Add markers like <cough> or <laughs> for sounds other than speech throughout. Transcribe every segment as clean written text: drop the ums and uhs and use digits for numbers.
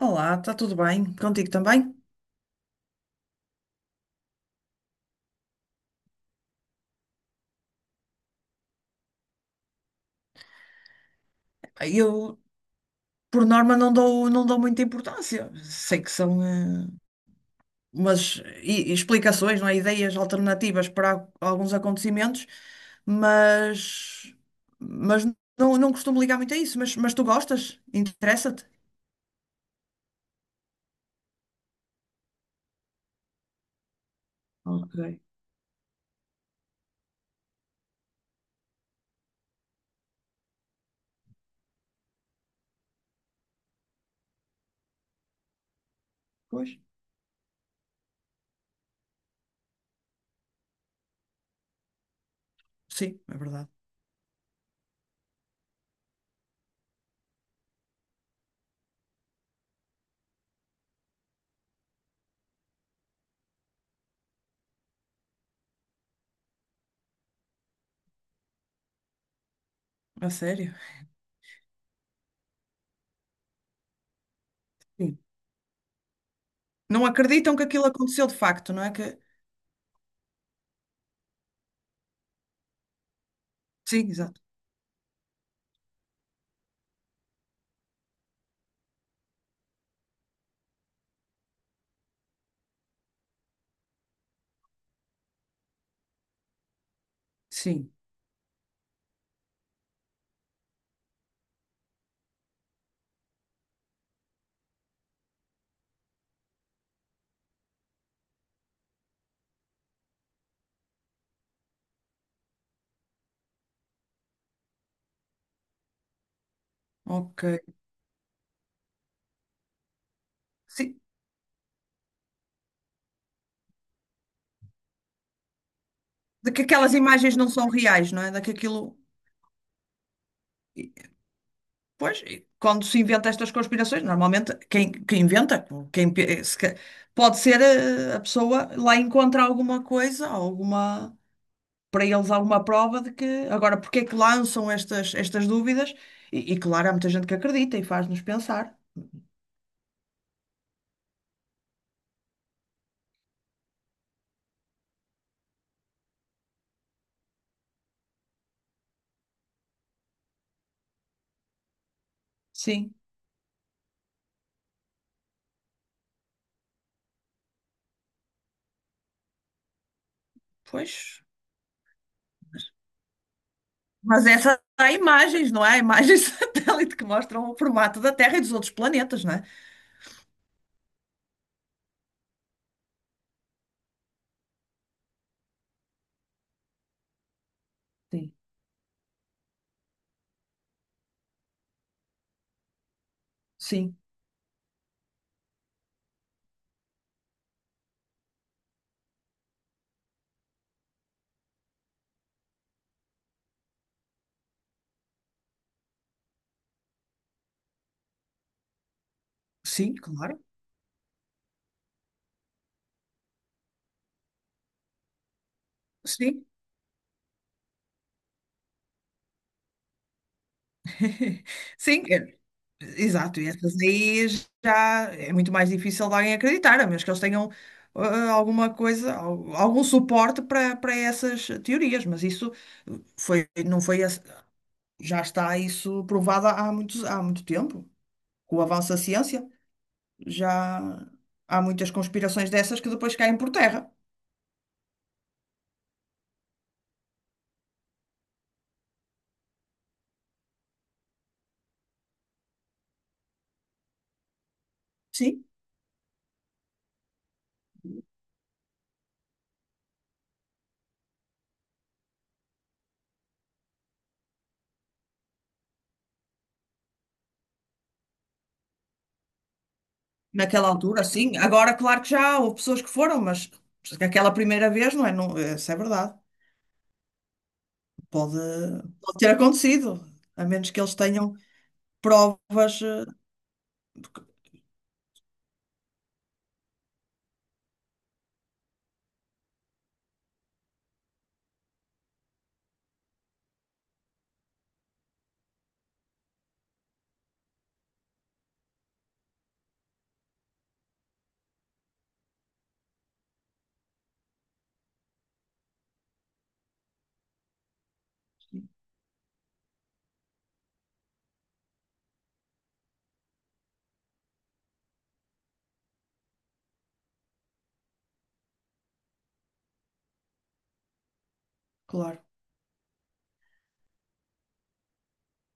Olá, está tudo bem? Contigo também? Eu, por norma, não dou muita importância. Sei que são umas explicações, não é? Ideias alternativas para alguns acontecimentos, mas, mas não costumo ligar muito a isso. Mas tu gostas? Interessa-te? Ok. Pois. Sim, é verdade. A sério? Sim. Não acreditam que aquilo aconteceu de facto, não é? Que... Sim, exato. Sim. Ok. Sim. De que aquelas imagens não são reais, não é? De que aquilo. Pois, e quando se inventa estas conspirações, normalmente quem inventa, quem, pe- se ca- pode ser a pessoa lá encontra alguma coisa, alguma, para eles alguma prova de que. Agora, porque é que lançam estas dúvidas? E claro, há muita gente que acredita e faz-nos pensar. Sim, pois. Mas essa há imagens, não é? Há imagens <laughs> satélite que mostram o formato da Terra e dos outros planetas, não é? Sim, sim, sim, claro. Sim, <laughs> sim, é, exato. E essas aí já é muito mais difícil de alguém acreditar, a menos que eles tenham alguma coisa, algum suporte para para essas teorias. Mas isso foi, não foi, esse- já está isso provado há muitos, há muito tempo. Com o avanço da ciência, já há muitas conspirações dessas que depois caem por terra. Sim, naquela altura, sim. Agora, claro que já houve pessoas que foram, mas aquela primeira vez, não é? Não, isso é verdade. Pode, pode ter acontecido, a menos que eles tenham provas. Porque- Claro.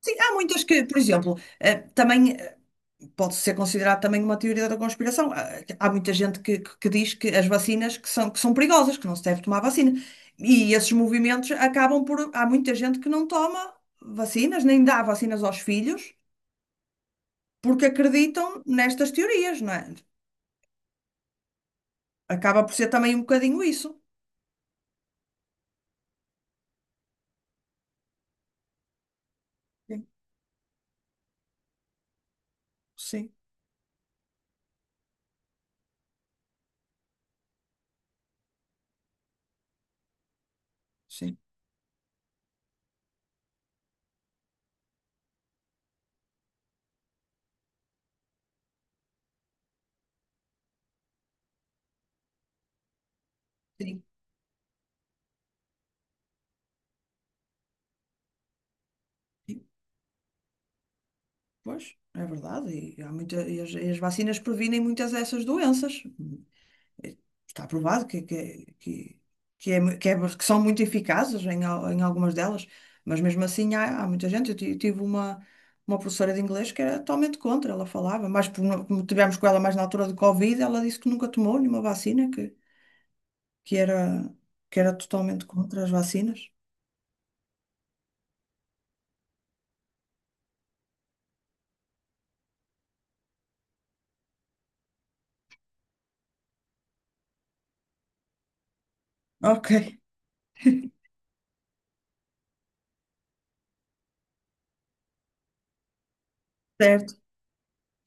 Sim, há muitas que, por exemplo, também. Pode ser considerado também uma teoria da conspiração. Há muita gente que, que diz que as vacinas que são perigosas, que não se deve tomar vacina. E esses movimentos acabam por. Há muita gente que não toma vacinas, nem dá vacinas aos filhos, porque acreditam nestas teorias, não é? Acaba por ser também um bocadinho isso. Sim, sim, sim. Sim. Sim. Pois, é verdade. E, há muita, e as vacinas previnem muitas dessas doenças. Está provado que, é, que são muito eficazes em, em algumas delas, mas mesmo assim há muita gente. Eu tive uma professora de inglês que era totalmente contra, ela falava, mas por no- como tivemos com ela mais na altura do Covid, ela disse que nunca tomou nenhuma vacina, que era, que era totalmente contra as vacinas. Ok, certo.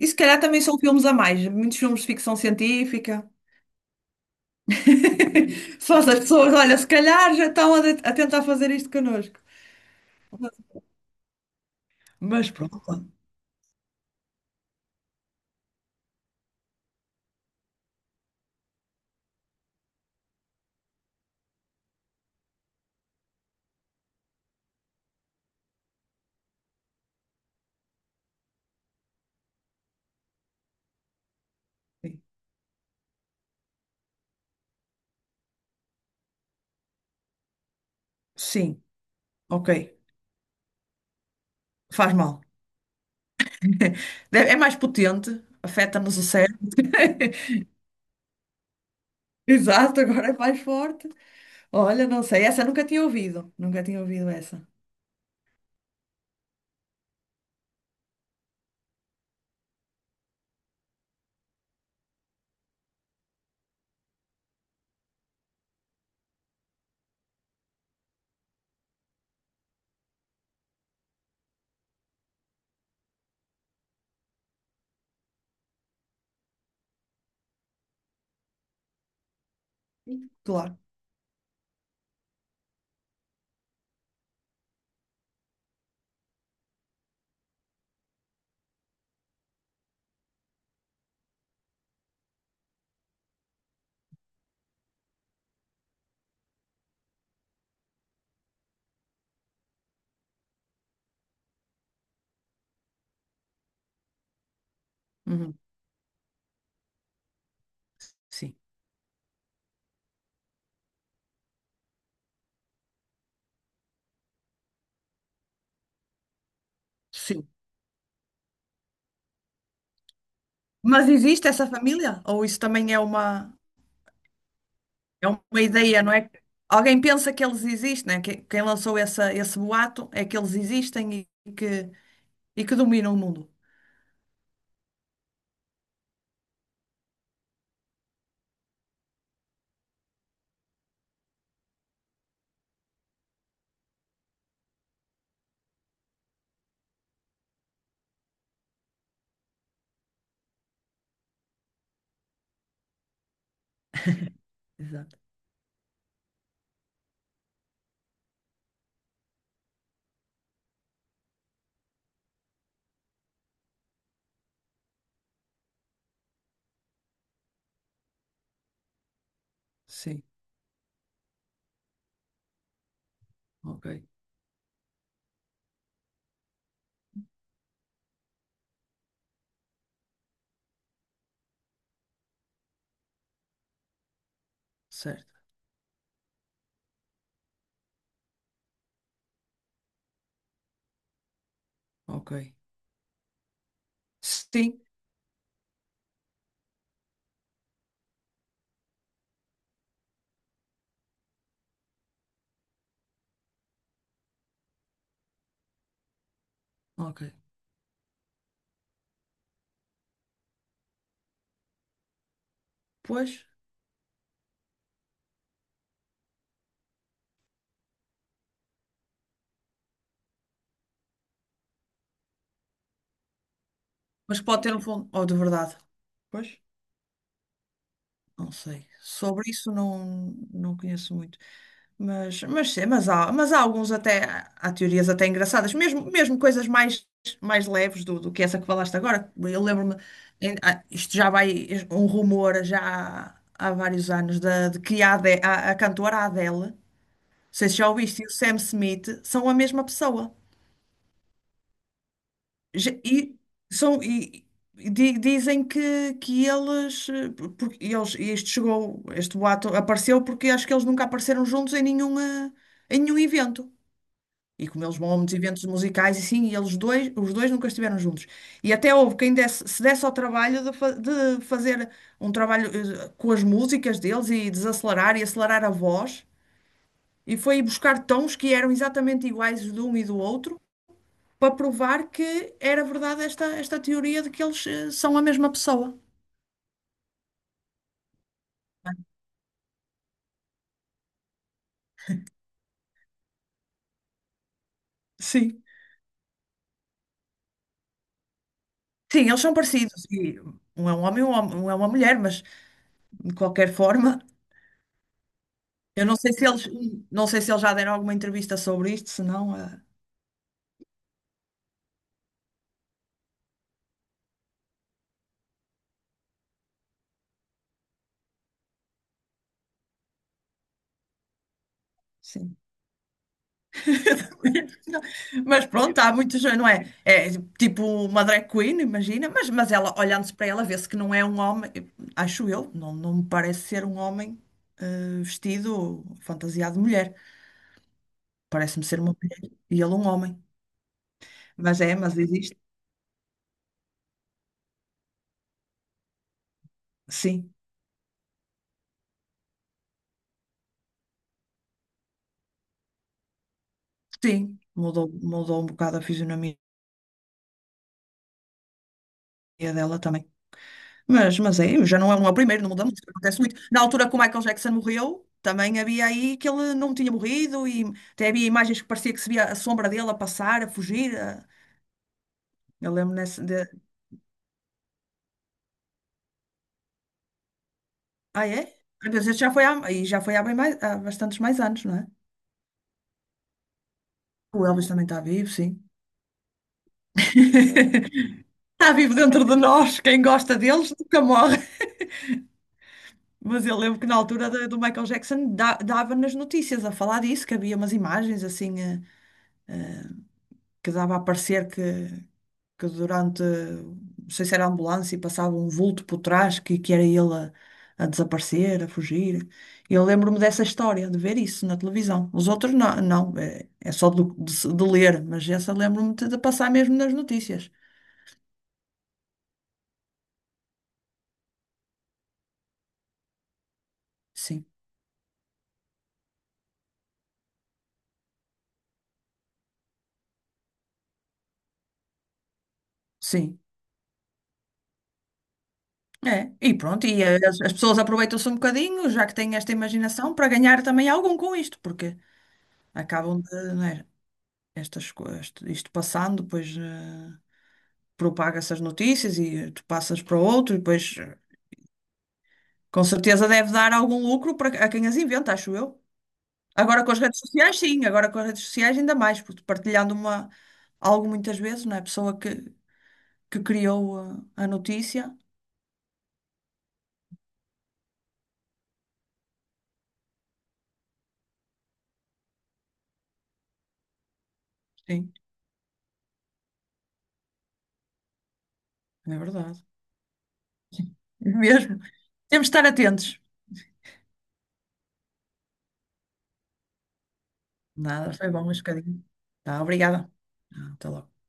E se calhar também são filmes a mais, muitos filmes de ficção científica. <laughs> Só as pessoas, olha, se calhar já estão a, a tentar fazer isto connosco. Mas pronto. Sim, ok. Faz mal. <laughs> É mais potente, afeta-nos o cérebro. <laughs> Exato, agora é mais forte. Olha, não sei, essa eu nunca tinha ouvido. Nunca tinha ouvido essa. Claro. Uhum. Sim, sim. Mas existe essa família? Ou isso também é uma ideia, não é? Alguém pensa que eles existem, né? Que, quem lançou esse boato é que eles existem e que dominam o mundo. Exato. Sim, ok. Certo, ok. Sim, ok. Pois, mas pode ter um fundo. Oh, de verdade. Pois. Não sei. Sobre isso não, não conheço muito. Mas há alguns até, há teorias até engraçadas, mesmo, mesmo coisas mais, mais leves do, do que essa que falaste agora. Eu lembro-me, isto já vai, um rumor já há, há vários anos, da, de que a, a cantora Adele, não sei se já ouviste, e o Sam Smith são a mesma pessoa. E, são, e, dizem que eles, porque eles, e isto chegou, este boato apareceu porque acho que eles nunca apareceram juntos em nenhuma, em nenhum evento. E como eles vão a muitos eventos musicais e sim, e eles dois, os dois nunca estiveram juntos. E até houve quem desse, se desse ao trabalho de, de fazer um trabalho com as músicas deles e desacelerar e acelerar a voz. E foi buscar tons que eram exatamente iguais de um e do outro para provar que era verdade esta, esta teoria de que eles são a mesma pessoa. Sim. Sim, eles são parecidos. E um é um homem, um é uma mulher, mas de qualquer forma, eu não sei se eles, não sei se eles já deram alguma entrevista sobre isto, se não, sim. <laughs> Mas pronto, há muitos, não é? É tipo uma drag queen, imagina, mas ela, olhando-se para ela, vê-se que não é um homem, acho eu, não me parece ser um homem vestido, fantasiado de mulher. Parece-me ser uma mulher e ele um homem. Mas é, mas existe. Sim, sim. Mudou um bocado a fisionomia dela também. Mas é, já não é uma primeira, não muda muito, acontece muito. Na altura que o Michael Jackson morreu, também havia aí que ele não tinha morrido e até havia imagens que parecia que se via a sombra dele a passar, a fugir. Eu lembro nessa. De... Ah, é? Ah, mas isso e já foi há, bem mais, há bastantes mais anos, não é? O Elvis também está vivo, sim. <laughs> Está vivo dentro de nós. Quem gosta deles nunca morre. Mas eu lembro que na altura do Michael Jackson dava nas notícias a falar disso, que havia umas imagens assim que dava a parecer que durante, não sei se era a ambulância, e passava um vulto por trás, que era ele a desaparecer, a fugir. Eu lembro-me dessa história, de ver isso na televisão. Os outros não, não é, é só do- de, se- de ler, mas essa lembro-me de passar mesmo nas notícias. Sim, sim. É, e pronto, e as pessoas aproveitam-se um bocadinho, já que têm esta imaginação, para ganhar também algum com isto, porque acabam de, não é, isto, isto passando, depois propaga-se as notícias e tu passas para outro, e depois com certeza deve dar algum lucro para a quem as inventa, acho eu. Agora com as redes sociais, sim, agora com as redes sociais ainda mais, porque partilhando uma, algo muitas vezes, não é? A pessoa que criou a notícia, sim. É verdade. Mesmo. Temos de estar atentos. Nada, foi bom este bocadinho. Tá, obrigada. Ah, até logo.